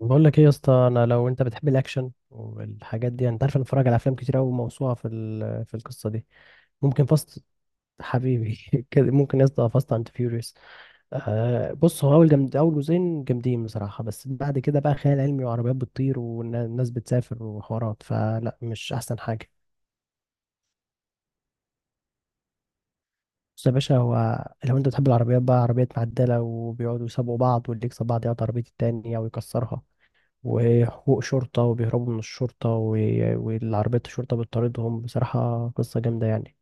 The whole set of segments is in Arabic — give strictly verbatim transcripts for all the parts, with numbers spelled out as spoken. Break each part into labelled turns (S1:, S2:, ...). S1: بقول لك ايه يا اسطى، انا لو انت بتحب الاكشن والحاجات دي انت عارف انا بتفرج على افلام كتير قوي، موسوعه في ال- في القصه دي. ممكن فاست حبيبي كده، ممكن يا اسطى فاست اند فيوريوس. آه بص، هو اول جامد، اول جزئين جامدين بصراحه، بس بعد كده بقى خيال علمي وعربيات بتطير والناس بتسافر وحوارات، فلا مش احسن حاجه. بص يا باشا، هو لو انت بتحب العربيات بقى، عربيات معدله وبيقعدوا يسابقوا بعض، واللي يكسب بعض يقعد عربيه التاني او يكسرها، وحقوق شرطة وبيهربوا من الشرطة و... والعربية الشرطة بتطاردهم، بصراحة قصة جامدة يعني.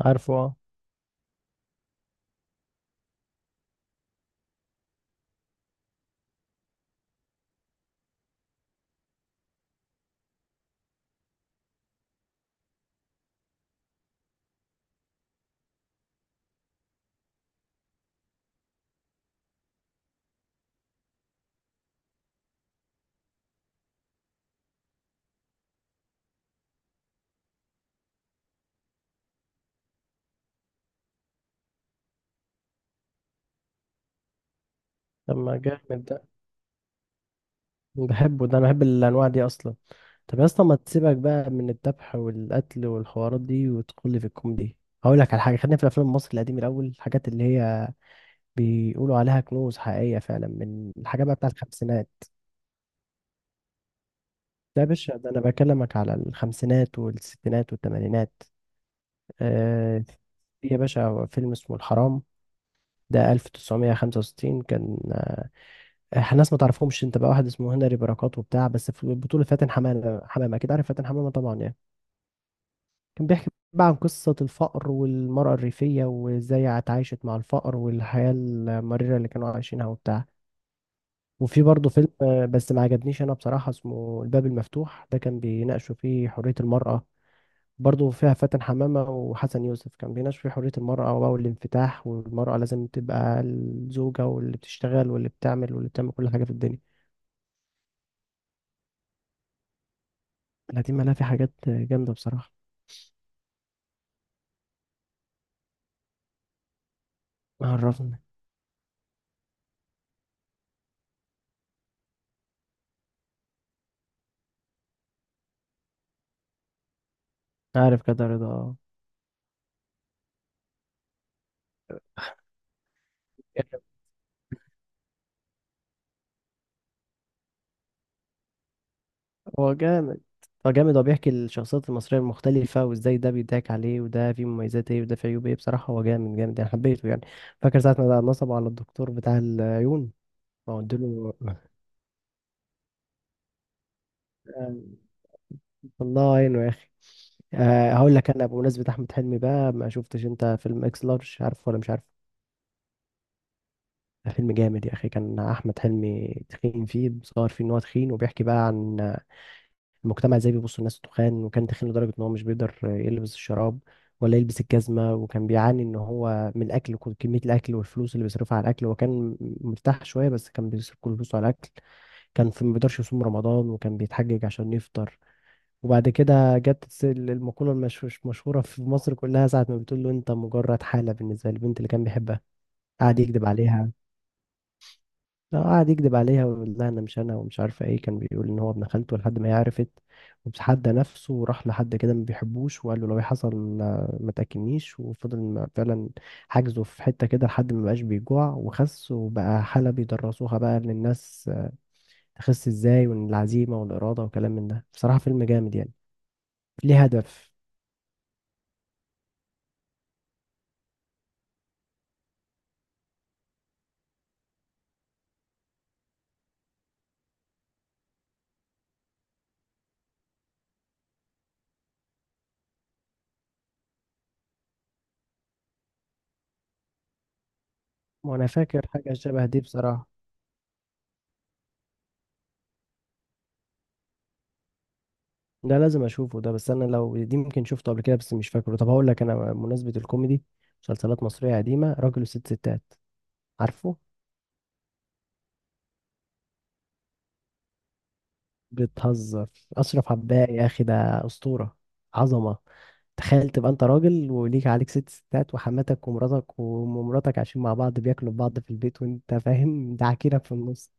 S1: عارفه اه. لما جامد ده، بحبه ده، أنا بحب الأنواع دي أصلا. طب يا اسطى، ما تسيبك بقى من الذبح والقتل والحوارات دي وتدخل لي في الكوميدي. هقول لك على حاجة، خلينا في الأفلام المصري القديم الأول، الحاجات اللي هي بيقولوا عليها كنوز حقيقية فعلا، من الحاجات بقى بتاعت الخمسينات. ده يا باشا، ده أنا بكلمك على الخمسينات والستينات والتمانينات. آه، في يا باشا فيلم اسمه الحرام، ده ألف وتسعمائة وخمسة وستين كان. احنا ناس ما تعرفهمش انت بقى، واحد اسمه هنري بركات وبتاع، بس في البطولة فاتن حمامة. حمامة اكيد عارف، فاتن حمامة طبعا يعني. كان بيحكي بقى عن قصة الفقر والمرأة الريفية وازاي اتعايشت مع الفقر والحياة المريرة اللي كانوا عايشينها وبتاع. وفي برضه فيلم، آه، بس ما عجبنيش انا بصراحة، اسمه الباب المفتوح، ده كان بيناقشوا فيه حرية المرأة. برضه فيها فاتن حمامة وحسن يوسف، كان بيناقش في حرية المرأة بقى والانفتاح، والمرأة لازم تبقى الزوجة واللي بتشتغل واللي بتعمل واللي بتعمل كل حاجة في الدنيا. لا دي مالها، في حاجات جامدة بصراحة. عرفني. عارف كده رضا، آه. هو جامد، هو جامد، هو بيحكي الشخصيات المصرية المختلفة وازاي ده بيضحك عليه وده فيه مميزات ايه وده فيه عيوب ايه، بصراحة هو جامد جامد يعني، حبيته يعني. فاكر ساعة ما بقى نصبوا على الدكتور بتاع العيون؟ ما قلت له. آه، الله يعينه يا أخي. آه، هقول لك انا بمناسبه احمد حلمي بقى، ما شفتش انت فيلم اكس لارج؟ عارفه ولا مش عارف؟ ده فيلم جامد يا اخي، كان احمد حلمي تخين فيه، بيصور فيه ان هو تخين، وبيحكي بقى عن المجتمع ازاي بيبص الناس تخان، وكان تخين لدرجه ان هو مش بيقدر يلبس الشراب ولا يلبس الجزمه، وكان بيعاني ان هو من الاكل، كل- كميه الاكل والفلوس اللي بيصرفها على الاكل، وكان مرتاح شويه بس كان بيصرف كل فلوسه على الاكل. كان في ما بيقدرش يصوم رمضان، وكان بيتحجج عشان يفطر. وبعد كده جت الس- المقولة المشهوش- مشهورة في مصر كلها، ساعة ما بتقول له أنت مجرد حالة، بالنسبة للبنت اللي كان بيحبها. قعد يكذب عليها، لا قعد يكذب عليها ويقول لها أنا مش أنا ومش عارفة إيه، كان بيقول إن هو ابن خالته لحد ما هي عرفت. وتحدى نفسه وراح لحد كده ما بيحبوش، وقال له لو إيه حصل ما ما تأكلنيش، وفضل ما- فعلا حاجزه في حتة كده لحد ما بقاش بيجوع وخس، وبقى حالة بيدرسوها بقى للناس، تخس إزاي، والعزيمة والإرادة وكلام من ده، بصراحة فيلم جامد يعني، ليه هدف. وانا فاكر حاجه شبه دي بصراحه، ده لازم اشوفه ده، بس انا لو دي ممكن شفته قبل كده بس مش فاكره. طب هقول لك انا بمناسبه الكوميدي، مسلسلات مصريه قديمه، راجل وست ستات، عارفه؟ بتهزر؟ اشرف عباقي يا اخي ده اسطوره، عظمه. تخيل تبقى انت راجل وليك عليك ست ستات، وحماتك ومراتك ومراتك عايشين مع بعض بياكلوا في بعض في البيت، وانت فاهم ده عكيرك في النص.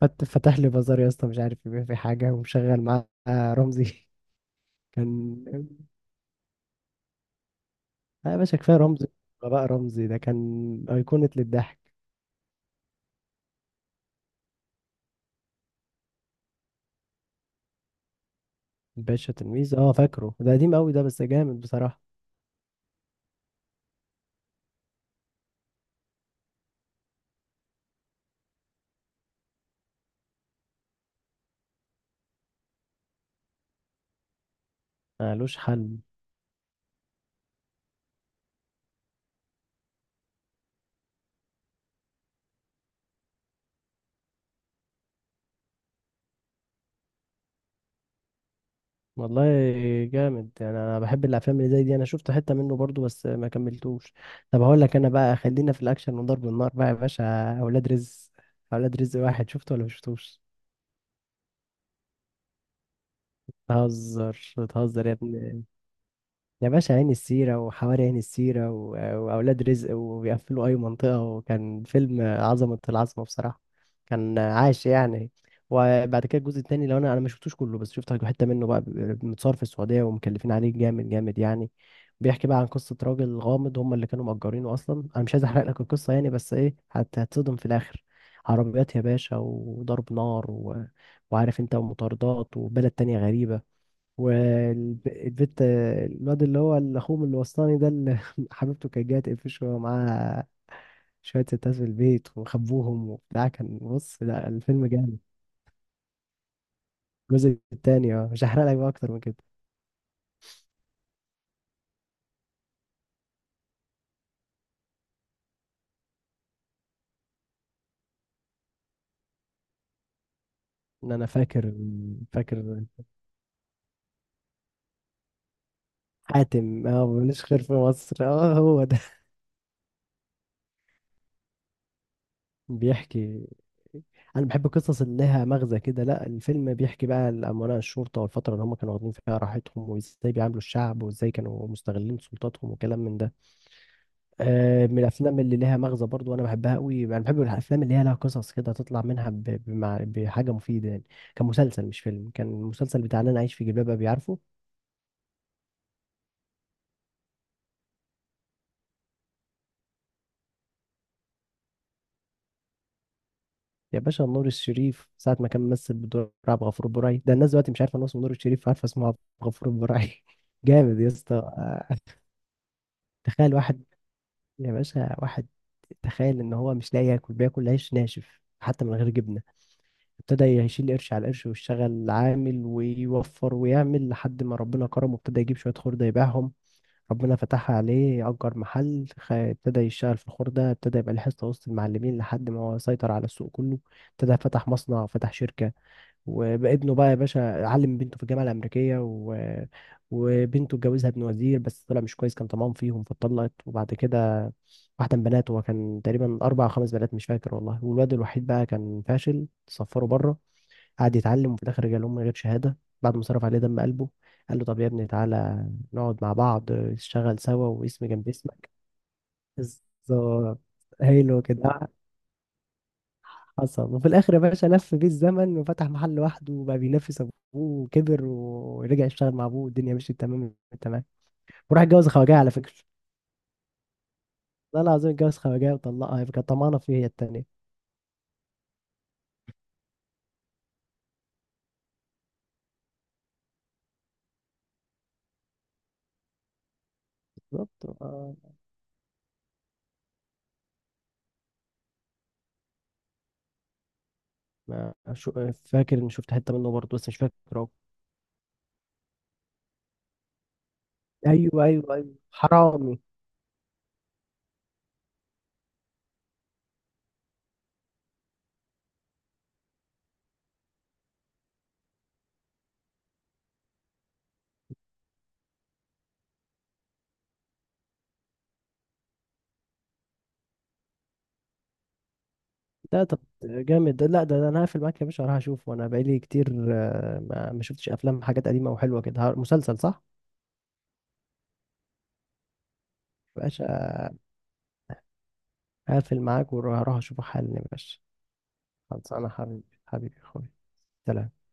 S1: فت- فتح لي بازار يا اسطى، مش عارف يبيع في حاجه، ومشغل معاه رمزي. كان، لا يا باشا كفايه رمزي. بقى رمزي ده كان ايقونه للضحك. باشا تلميذ، اه فاكره ده قديم قوي ده بس جامد بصراحه. ملوش حل. والله جامد يعني، انا بحب الافلام اللي زي دي، انا شفت حته منه برضو بس ما كملتوش. طب هقول لك انا بقى، خلينا في الاكشن وضرب النار بقى يا باشا، اولاد رزق. اولاد رزق، واحد شفته ولا مشفتوش؟ بتهزر بتهزر يا ابني. يا باشا عين السيرة وحواري عين السيرة و- وأولاد رزق، وبيقفلوا أي منطقة، وكان فيلم عظمة العظمة بصراحة، كان عاش يعني. وبعد كده الجزء التاني، لو أنا أنا ما شفتوش كله بس شفت حتة منه بقى، متصور في السعودية ومكلفين عليه جامد جامد يعني. بيحكي بقى عن قصة راجل غامض، هم اللي كانوا مأجرينه أصلا، أنا مش عايز أحرق لك القصة يعني، بس إيه، هت- هتصدم في الآخر. عربيات يا باشا وضرب نار و... وعارف أنت، ومطاردات، وبلد تانية غريبة، والبت الواد اللي هو اللي اخوه من الوسطاني ده اللي حبيبته كانت جايه تقفشه وهو معاه شويه ستات في البيت، وخبوهم وبتاع، كان بص، لا الفيلم جامد. الجزء التاني اه، مش هحرق لك بقى اكتر من كده. ان انا فاكر، فاكر، حاتم اه ملوش خير في مصر، اه هو ده. بيحكي، انا بحب القصص اللي لها مغزى كده. لا الفيلم بيحكي بقى الامناء الشرطه والفتره اللي هم كانوا واخدين فيها راحتهم، وازاي بيعاملوا الشعب، وازاي كانوا مستغلين سلطاتهم، وكلام من ده. آه، من الافلام اللي ليها مغزى برضو، وانا بحبها قوي، انا بحب الافلام اللي هي لها قصص كده تطلع منها ب... بمع... بحاجه مفيده يعني. كان مسلسل مش فيلم، كان المسلسل بتاع اللي انا عايش في جلباب ابي، عارفه؟ يا باشا نور الشريف، ساعه ما كان ممثل بدور عبد الغفور البرعي، ده الناس دلوقتي مش عارفه ان هو اسمه نور الشريف، عارفه اسمه عبد الغفور البرعي. جامد يا اسطى. آه، تخيل واحد، يا باشا واحد، تخيل ان هو مش لاقي ياكل، بياكل عيش ناشف حتى من غير جبنه. ابتدى يشيل قرش على قرش، ويشتغل عامل ويوفر ويعمل لحد ما ربنا كرمه، ابتدى يجيب شوية خردة يبيعهم. ربنا فتحها عليه، أجر محل، خ- ابتدى يشتغل في الخردة، ابتدى يبقى ليه حصة وسط المعلمين لحد ما هو سيطر على السوق كله، ابتدى فتح مصنع، فتح شركة. وابنه بقى يا باشا، علم بنته في الجامعة الأمريكية و... وبنته اتجوزها ابن وزير بس طلع مش كويس، كان طمعان فيهم فاتطلقت. وبعد كده واحدة من بناته، هو كان تقريبا أربع أو خمس بنات مش فاكر والله، والواد الوحيد بقى كان فاشل، صفره بره. قعد يتعلم وفي الاخر جاله من غير شهاده، بعد ما صرف عليه دم قلبه. قال له طب يا ابني تعالى، نقعد مع بعض نشتغل سوا واسمي جنب اسمك. بالظبط. هيلو كده حصل. وفي الاخر يا باشا لف بيه الزمن، وفتح محل لوحده، وبقى بينافس ابوه، وكبر ورجع يشتغل مع ابوه، والدنيا مشيت تمام، تمام. وراح اتجوز خواجه على فكره، لا العظيم، اتجوز خواجه وطلقها، كانت طمعانه فيه هي التانيه. بالظبط، آه. ما شو، فاكر اني شفت حته منه برضه بس مش فاكر اهو. ايوه ايوه ايوه، حرامي. ده طب جامد ده، لا ده, ده، انا هقفل معاك يا باشا، هروح اشوف وانا بقالي كتير، آه، ما ما شفتش افلام حاجات قديمه وحلوه كده، ه- مسلسل صح. يا باشا هقفل معاك وهروح اشوفه حالا يا باشا. خلاص، انا حبيبي، حبيبي اخوي. سلام.